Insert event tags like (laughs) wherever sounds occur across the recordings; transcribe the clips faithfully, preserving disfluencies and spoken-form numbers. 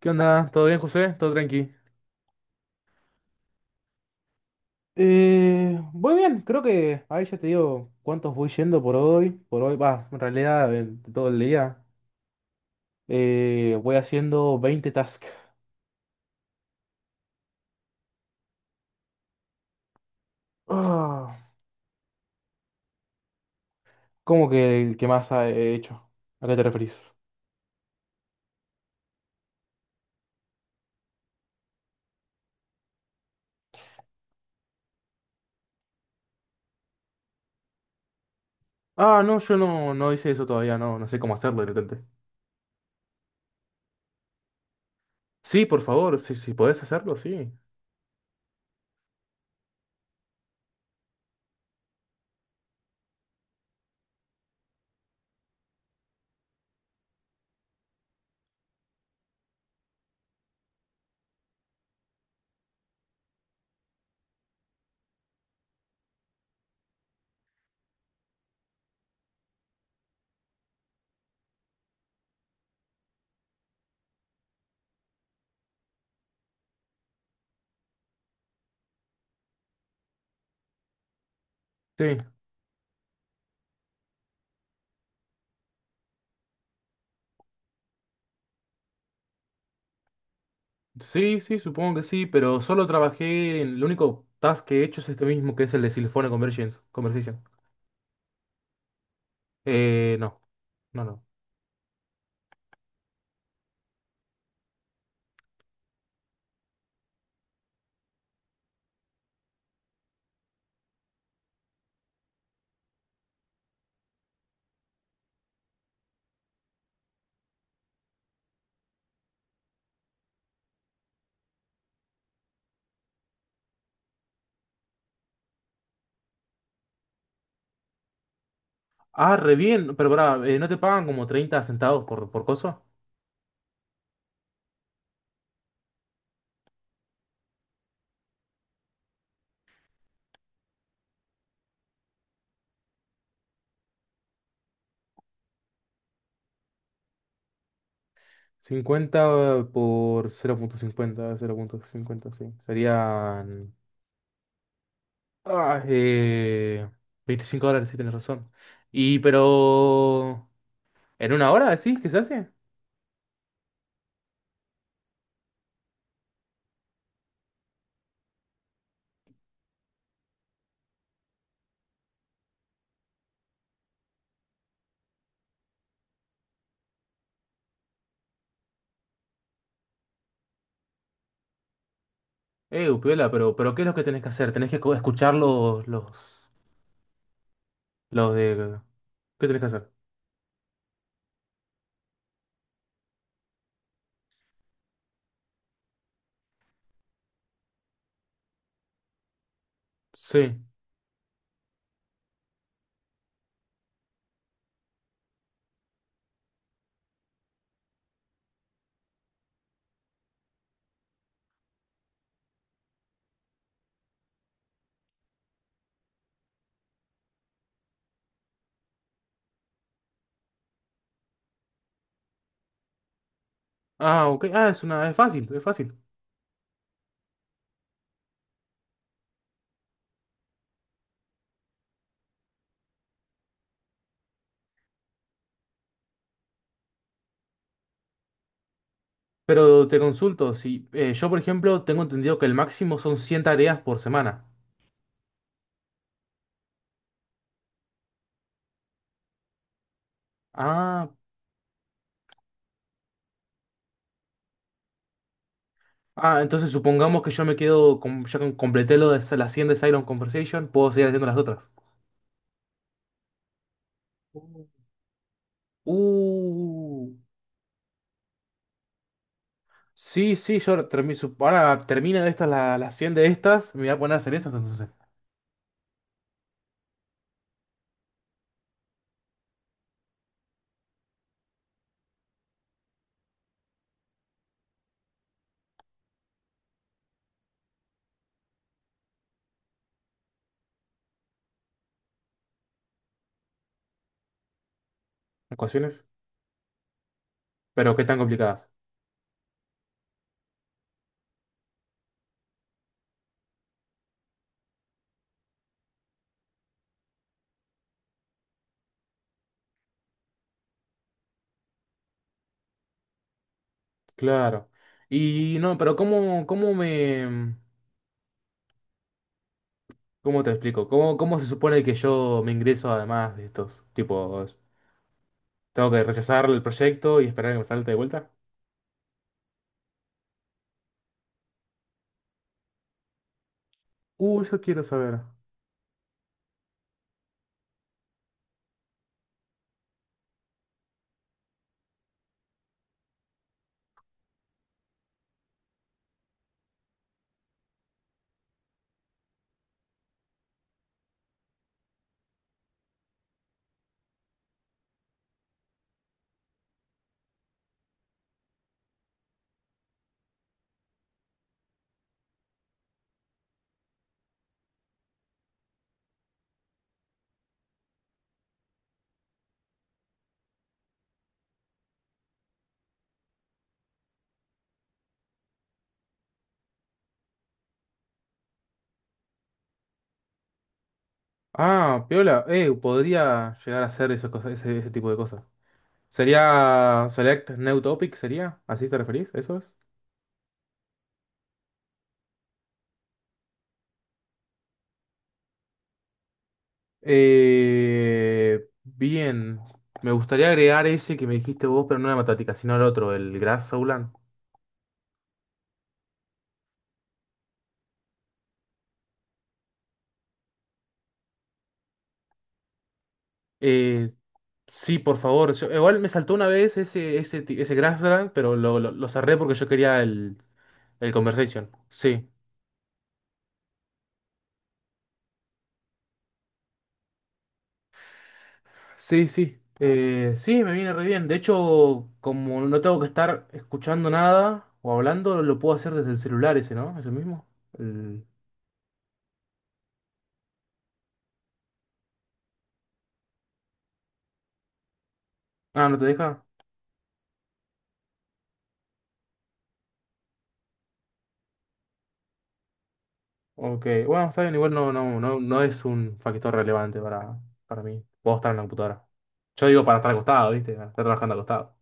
¿Qué onda? ¿Todo bien, José? ¿Todo tranqui? Eh, voy bien, creo que ahí ya te digo cuántos voy yendo por hoy. Por hoy, va, en realidad, eh, todo el día. Eh, voy haciendo veinte tasks. Ah, ¿cómo que el que más ha- he hecho? ¿A qué te referís? Ah, no, yo no, no hice eso todavía, no, no sé cómo hacerlo de repente. Sí, por favor, si, si podés hacerlo, sí. Sí, sí, sí, supongo que sí, pero solo trabajé en... Lo único task que he hecho es este mismo, que es el de Silphone Convergence, Conversation. Eh, no. No, no. Ah, re bien. Pero pará, eh, ¿no te pagan como treinta centavos por, por cosa? Cincuenta por cero cero punto cincuenta cero punto cincuenta, sí. Serían... Ah, eh, veinticinco dólares, sí, tenés razón. Y pero... ¿En una hora decís que se hace? Eh, Upiola, pero, pero ¿qué es lo que tenés que hacer? ¿Tenés que co- escuchar los, los, los de... ¿Qué tenés que hacer? Sí. Ah, ok. Ah, es una... Es fácil, es fácil. Pero te consulto, si eh, yo por ejemplo tengo entendido que el máximo son cien tareas por semana. Ah, ah, entonces supongamos que yo me quedo, con, ya con- completé lo de s- las cien de Silent Conversation, puedo seguir haciendo las otras. Uh. Uh, sí, sí, yo ahora termi- su- ahora termino de estas, la- las cien de estas, me voy a poner a hacer esas entonces, ecuaciones. Pero qué tan complicadas. Claro. Y no, pero ¿cómo, cómo me... ¿Cómo te explico? ¿Cómo, cómo se supone que yo me ingreso además de estos tipos? Tengo que rechazar el proyecto y esperar a que me salte de vuelta. Uh, eso quiero saber. Ah, piola, eh, podría llegar a hacer esas cosas, ese, ese tipo de cosas. Sería Select New Topic, ¿sería? ¿Así te referís? ¿Eso es? Eh, bien. Me gustaría agregar ese que me dijiste vos, pero no la matemática, sino el otro, el Grass Soulan. Eh, sí, por favor. Yo- igual me saltó una vez ese, ese, ti- ese Grassland, pero lo, lo, lo cerré porque yo quería el, el Conversation. Sí. Sí, sí. Eh, sí, me viene re bien. De hecho, como no tengo que estar escuchando nada o hablando, lo puedo hacer desde el celular ese, ¿no? ¿Es el mismo? El- Ah, ¿no te deja? Ok. Bueno, está bien, igual no, no, no, no es un factor relevante para, para mí. Puedo estar en la computadora. Yo digo para estar acostado, ¿viste? Para estar trabajando acostado.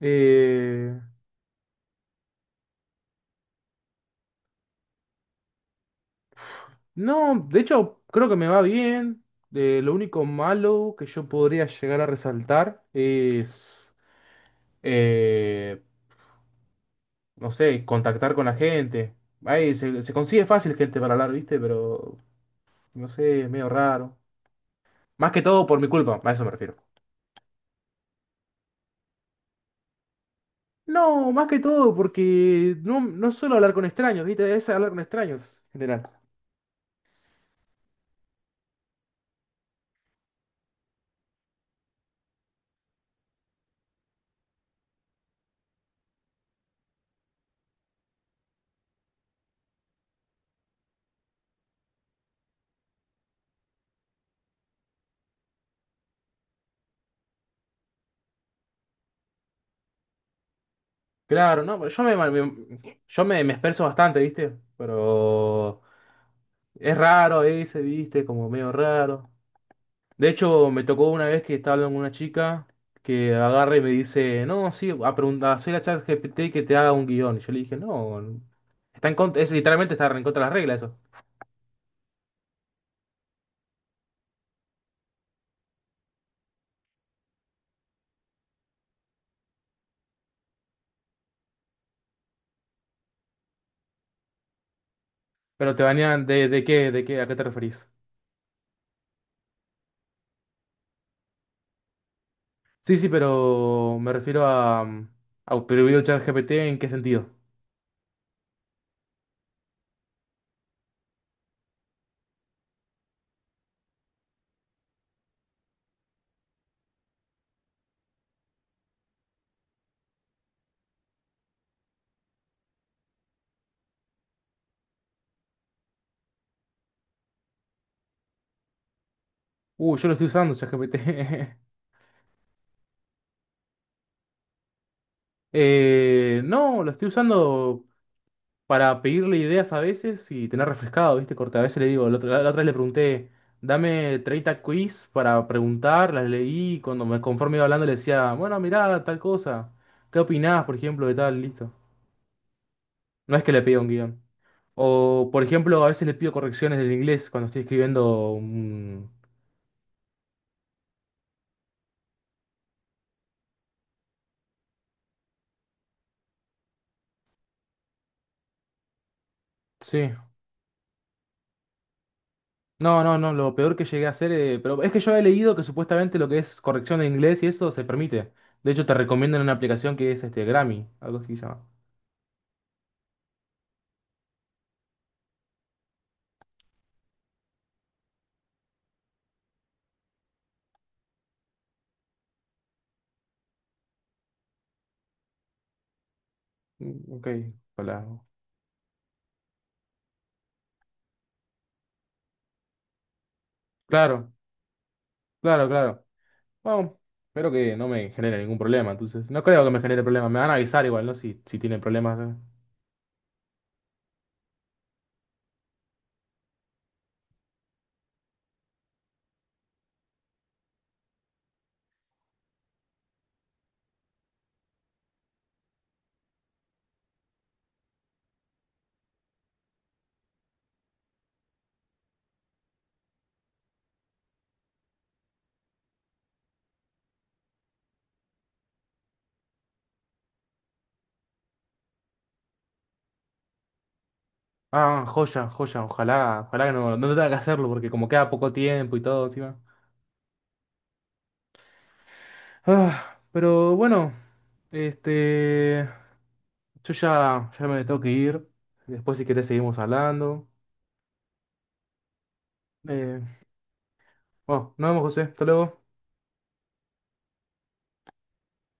Eh, no, de hecho, creo que me va bien. Eh, lo único malo que yo podría llegar a resaltar es... Eh, no sé, contactar con la gente. Ahí se, se consigue fácil gente para hablar, ¿viste? Pero, no sé, es medio raro. Más que todo por mi culpa, a eso me refiero. No, más que todo porque no, no suelo hablar con extraños, ¿viste? Es hablar con extraños, en general. Claro, no, pero yo me, me- yo me, me expreso bastante, ¿viste? Pero es raro ese, ¿viste? Como medio raro. De hecho, me tocó una vez que estaba hablando con una chica que agarra y me dice, no, sí, a preguntar, soy la chat G P T que te haga un guión. Y yo le dije, no, está en contra, es literalmente está en contra de las reglas eso. Pero te banean de, de qué, de qué, ¿a qué te referís? Sí, sí, pero me refiero a, mm, a prohibir el chat G P T en qué sentido. Uh, yo lo estoy usando, chat G P T. (laughs) Eh, no, lo estoy usando para pedirle ideas a veces y tener refrescado, ¿viste? Corta, a veces le digo, la otra, la otra vez le pregunté, dame treinta quiz para preguntar, las leí, y cuando me conforme iba hablando le decía, bueno, mirá, tal cosa, ¿qué opinás, por ejemplo, de tal? Listo. No es que le pido un guión. O, por ejemplo, a veces le pido correcciones del inglés cuando estoy escribiendo un... Sí. No, no, no, lo peor que llegué a hacer, eh, pero es que yo he leído que supuestamente lo que es corrección de inglés y eso se permite. De hecho, te recomiendan una aplicación que es este Grammy, algo así se llama. Mm, ok, hola. Claro, claro, claro. Bueno, espero que no me genere ningún problema, entonces. No creo que me genere problemas, me van a avisar igual, ¿no? Si, si tienen problemas. ¿Eh? Ah, joya, joya, ojalá, ojalá que no, no tenga que hacerlo, porque como queda poco tiempo y todo encima. Ah, pero bueno, este, yo ya, ya me tengo que ir. Después si querés seguimos hablando. Eh, bueno, nos vemos, José. Hasta luego.